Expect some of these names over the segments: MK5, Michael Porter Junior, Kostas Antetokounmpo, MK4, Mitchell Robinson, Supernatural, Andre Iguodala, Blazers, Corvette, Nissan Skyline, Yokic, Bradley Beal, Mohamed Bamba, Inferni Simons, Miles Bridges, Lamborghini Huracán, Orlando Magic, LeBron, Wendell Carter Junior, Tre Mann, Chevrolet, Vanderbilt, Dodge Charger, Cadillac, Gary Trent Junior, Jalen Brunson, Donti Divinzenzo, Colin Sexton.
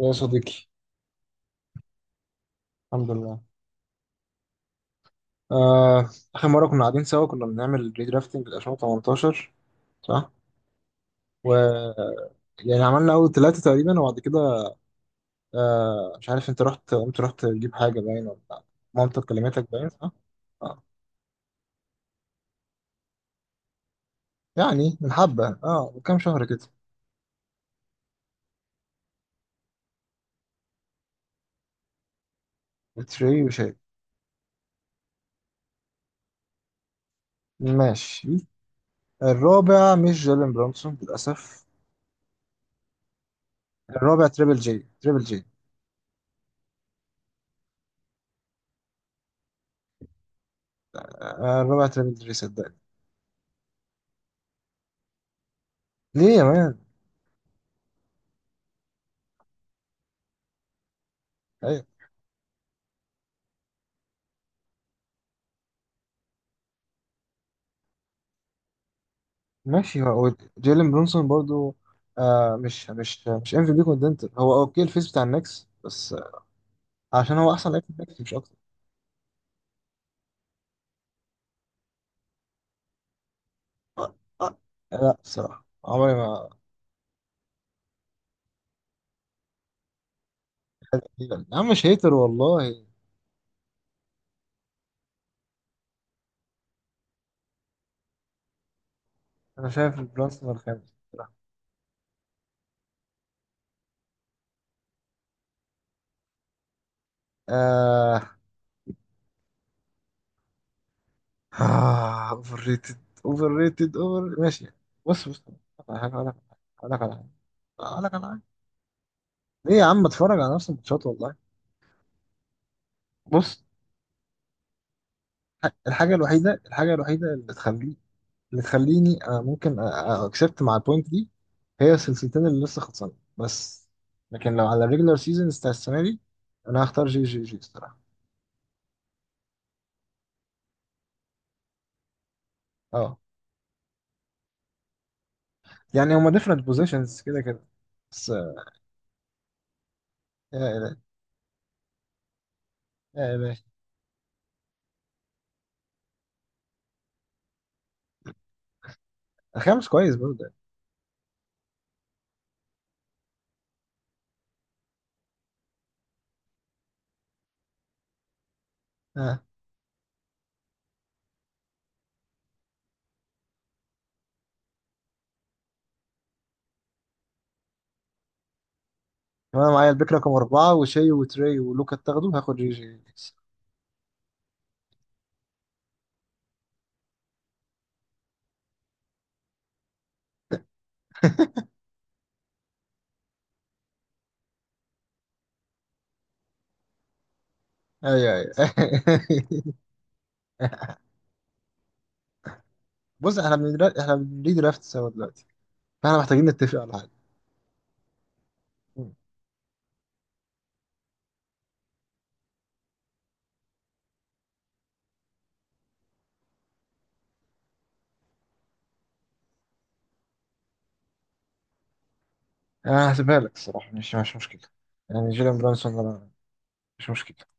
يا صديقي. الحمد لله. آه، آخر مرة كنا قاعدين سوا كنا بنعمل ريدرافتنج ل 2018، صح؟ و، يعني عملنا أول ثلاثة تقريبا وبعد كده مش عارف أنت رحت قمت رحت تجيب حاجة باين ولا مامتك كلمتك باين، صح؟ آه. يعني من حبة من كام شهر كده. بتري وشاي. ماشي. الرابع مش جيلين برونسون للأسف. الرابع تريبل جي، تريبل جي. الرابع تريبل جي صدقني. ليه يا مان؟ أيوة. ماشي، هو جيلين برونسون برضو. مش ام في بي كوندنتر، هو اوكي الفيس بتاع النكس بس عشان هو احسن لعيب في النكس مش اكتر. آه. آه. لا الصراحه عمري ما. يا عم مش هيتر والله. انا شايف برونسون الخامس بصراحة. آه. آه اوفر ريتد، اوفر ريتد، اوفر ماشي. بص بص، أقول لك على حاجة، أقول لك على حاجة، أقول لك على حاجة. ليه يا عم اتفرج على نفس الماتشات والله. بص، الحاجة الوحيدة اللي تخليه، اللي تخليني ممكن اكسبت مع البوينت دي، هي السلسلتين اللي لسه خلصانه بس. لكن لو على الريجلر سيزونز بتاع السنه دي، انا هختار جي جي جي الصراحه. اه يعني هما ديفرنت بوزيشنز كده كده. بس يا الهي، يا الهي. الخامس كويس برضه يعني. اه انا معايا البيك رقم اربعه، وشي وتري ولوكا تاخده، هاخد جي جي. ايوه ايوه. بص، احنا بنري درافت سوا دلوقتي، فاحنا محتاجين نتفق على حاجه. مم. انا هسيبها لك الصراحه، مش مشكله، يعني جيلان برانسون مش مشكلة.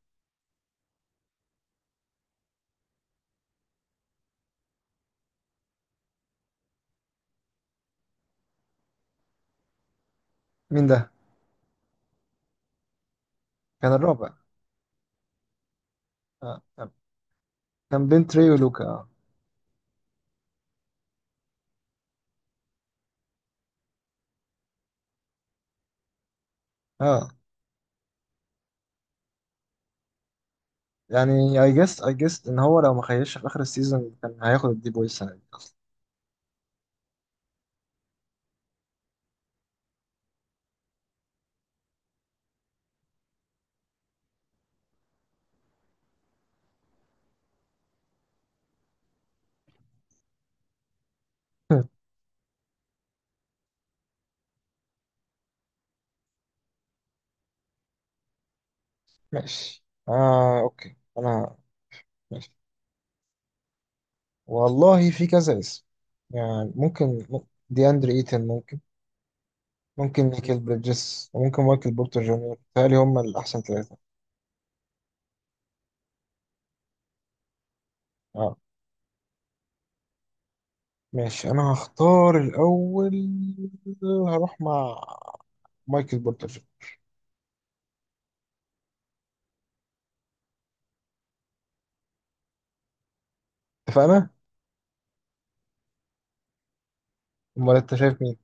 مين ده؟ كان الرابع. آه. آه. كان بين تري ولوكا، اه. آه. يعني اي جس اي جس ان هو لو ما خيش في اخر السيزون كان هياخد الدي بوي السنه دي اصلا. ماشي، آه أوكي، أنا ماشي. والله في كذا اسم، يعني ممكن دي أندري إيتن ممكن، ممكن نيكل بريدجز، وممكن مايكل بورتر جونيور. تهيألي هم الأحسن ثلاثة. آه ماشي، أنا هختار الأول، هروح مع مايكل بورتر جونيور. اتفقنا؟ أمال أنت شايف مين؟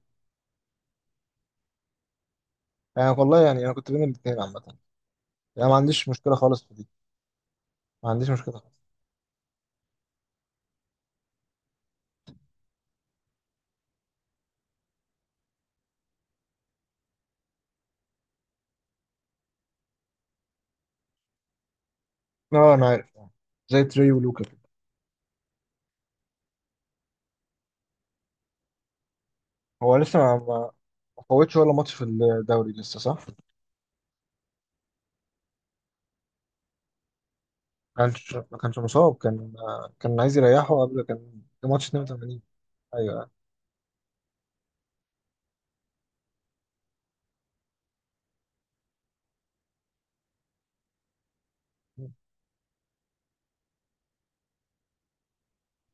يعني والله، يعني انا كنت بين الاثنين عامه، يعني ما عنديش مشكله خالص في دي، ما عنديش مشكله خالص. اه انا عارف يعني. زي تري ولوكا كده. هو لسه ما ما ما فوتش ولا ماتش في الدوري لسه، صح؟ ما كانش مصاب، كان كان عايز يريحه قبل، كان في ماتش 82. ايوه.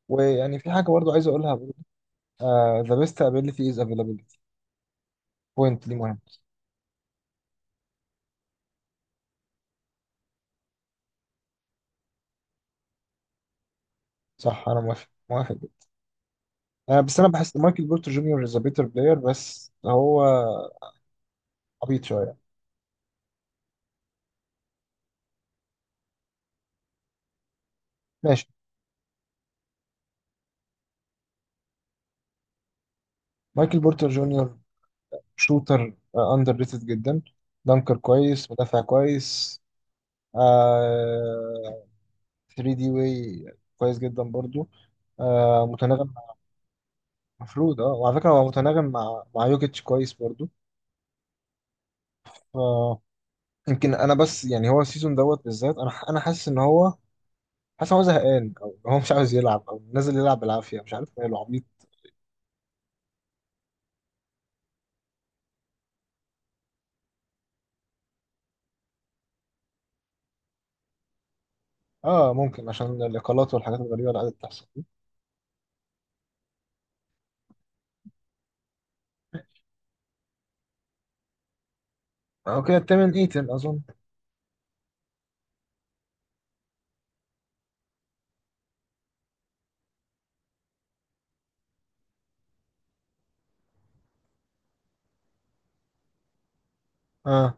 ويعني في حاجه برضو عايز اقولها برضو، ذا بيست ابيليتي از افيلابيلتي، بوينت دي مهم. صح انا موافق، موافق جدا. آه بس انا بحس مايكل بورتر جونيور از ا بيتر بلاير، بس هو عبيط شويه. ماشي. مايكل بورتر جونيور شوتر اندر ريتد جدا، دانكر كويس، مدافع كويس، آه 3 دي واي كويس جدا برضو. آه متناغم مع. المفروض اه، وعلى فكره هو متناغم مع مع يوكيتش كويس برضو. ف يمكن انا بس، يعني هو السيزون دوت بالذات، انا انا حاسس ان هو، حاسس ان هو زهقان، او هو مش عاوز يلعب، او نازل يلعب بالعافيه مش عارف ماله عبيط. اه ممكن عشان الاقالات والحاجات الغريبه اللي قاعده بتحصل دي. او كده التمن ايتن اظن. اه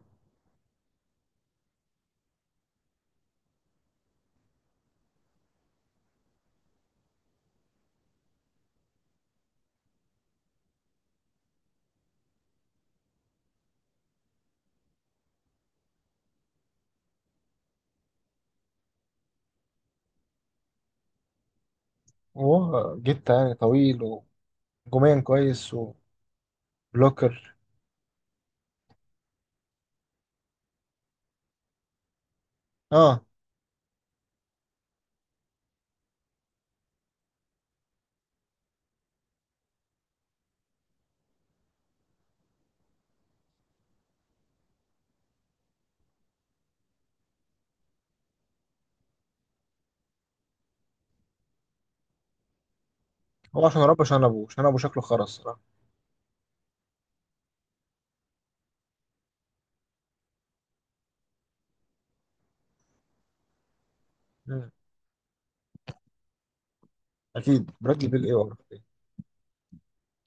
هو جيتا يعني طويل، هجوميا كويس، وبلوكر. اه هو عشان ربى، عشان ابوه شكله خرس صراحه. مم. اكيد برادلي بيل، ايه وعرف ايه.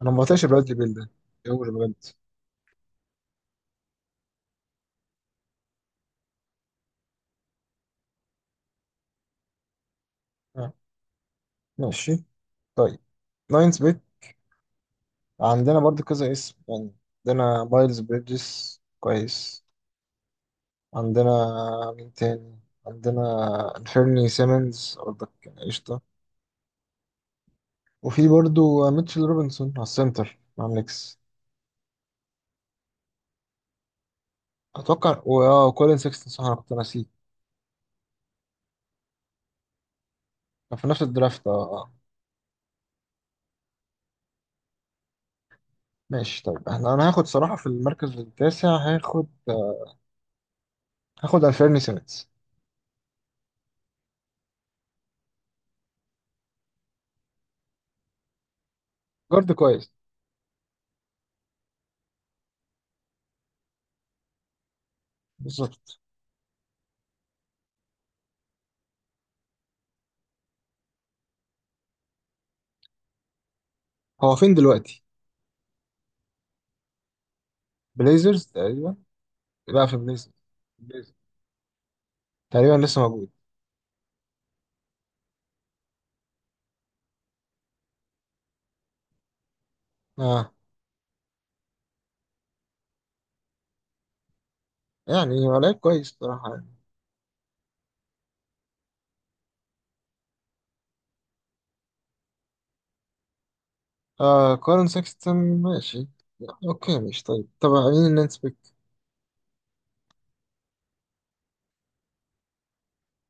انا ما بطيقش برادلي بيل ده، ايه هو اللي بجد. آه. ماشي طيب، ناينز بيت، عندنا برضو كذا اسم يعني. عندنا مايلز بريدجز كويس، عندنا مين تاني، عندنا انفيرني سيمنز برضك. قشطة. وفي برضو ميتشل روبنسون على السنتر مع النكس. أتوقع، كولين سيكستون صح، أنا كنت ناسيه. كان في نفس الدرافت، آه. آه. ماشي طيب، احنا انا هاخد صراحة في المركز التاسع، هاخد هاخد الفيرني سيمنز. جارد كويس. بالظبط. هو فين دلوقتي؟ بليزرز تقريبا. لا في بليزرز، بليزرز. تقريبا لسه موجود. اه يعني هو لعيب كويس صراحة يعني. آه كارن ساكستون ماشي. اوكي ماشي طيب، طب مين اللي نسبك؟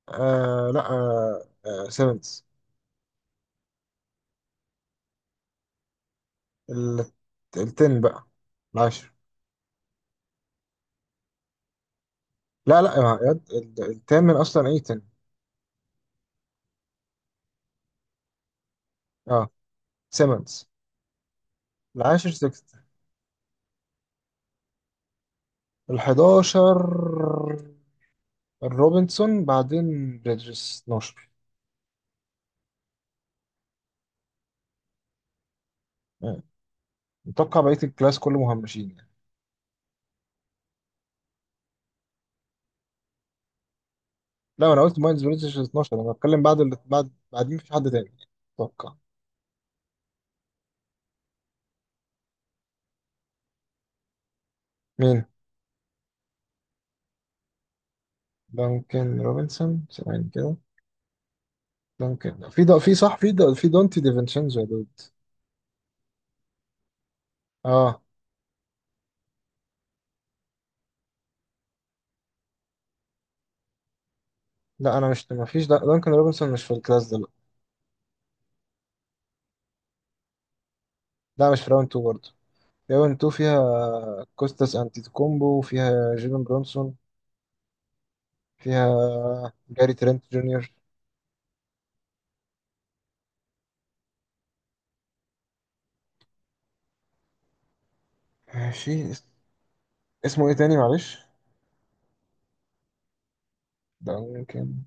آه لا آه آه سيمنز. ال- التن بقى، العاشر. لا لا يا- يا- التامن اصلا ايتن. اه سيمنز العاشر. ال11. الروبنسون بعدين بريدجز 12. يعني متوقع بقية الكلاس كله مهمشين يعني. لا انا قلت مايلز بريدجز 12، انا بتكلم بعد اللي بعد بعدين مفيش حد تاني اتوقع. مين؟ دانكن روبنسون ثواني كده. دانكن في دا في صح في دا في دونتي ديفينشينزو يا دود. اه. لا انا مش، مفيش، دا دانكن روبنسون مش في الكلاس ده لا. لا مش في راوند 2 برضه. راوند 2 فيها كوستاس انتيتوكومبو، فيها جيلن برونسون، فيها جاري ترينت جونيور. في اس- اسمه ايه تاني معلش؟ دانكن ممكن.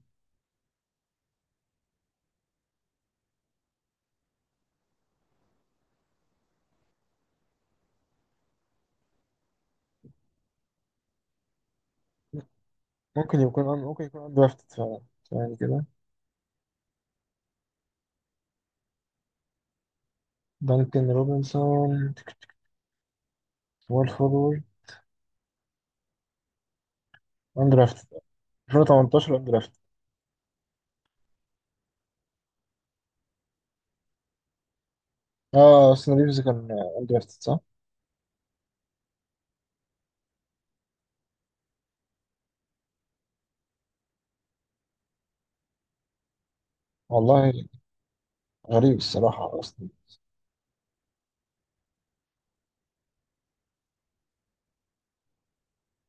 ممكن يكون ممكن يكون اندرافتد فعلا. ثواني كده. دانكن روبنسون وول فورورد اندرافتد 2018 اندرافتد. اه اصلا ريفز كان اندرافتد صح. والله غريب الصراحة اصلا.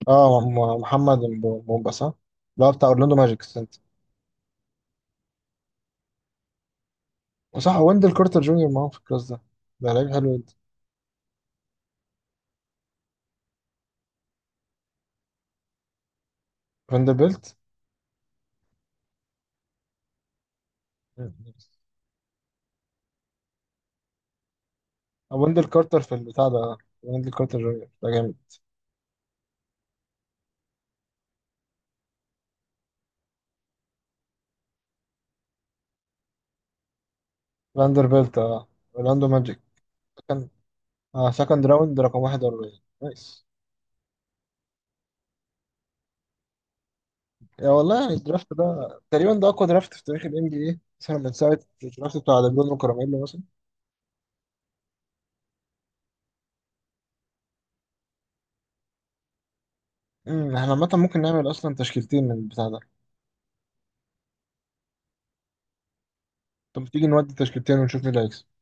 اه محمد مومباسا. لا بتاع اورلاندو ماجيك سنت. وصح ويندل كارتر جونيور معاهم في الكلاس ده، ده لعيب حلو جدا. فاندربيلت. آه، ويندل كارتر في البتاع ده، ويندل كارتر جونيور ده جامد. فاندربيلت اه. اورلاندو ماجيك. كان اه سكند راوند رقم 41. نايس. يا والله يعني الدرافت ده تقريبا ده اقوى درافت في تاريخ الNBA، مثلا من ساعه الدرافت بتاع ليبرون وكارميلو مثلا. احنا عامه ممكن نعمل اصلا تشكيلتين من البتاع ده. طب تيجي نودي تشكيلتين ونشوف مين اللي هيكسب.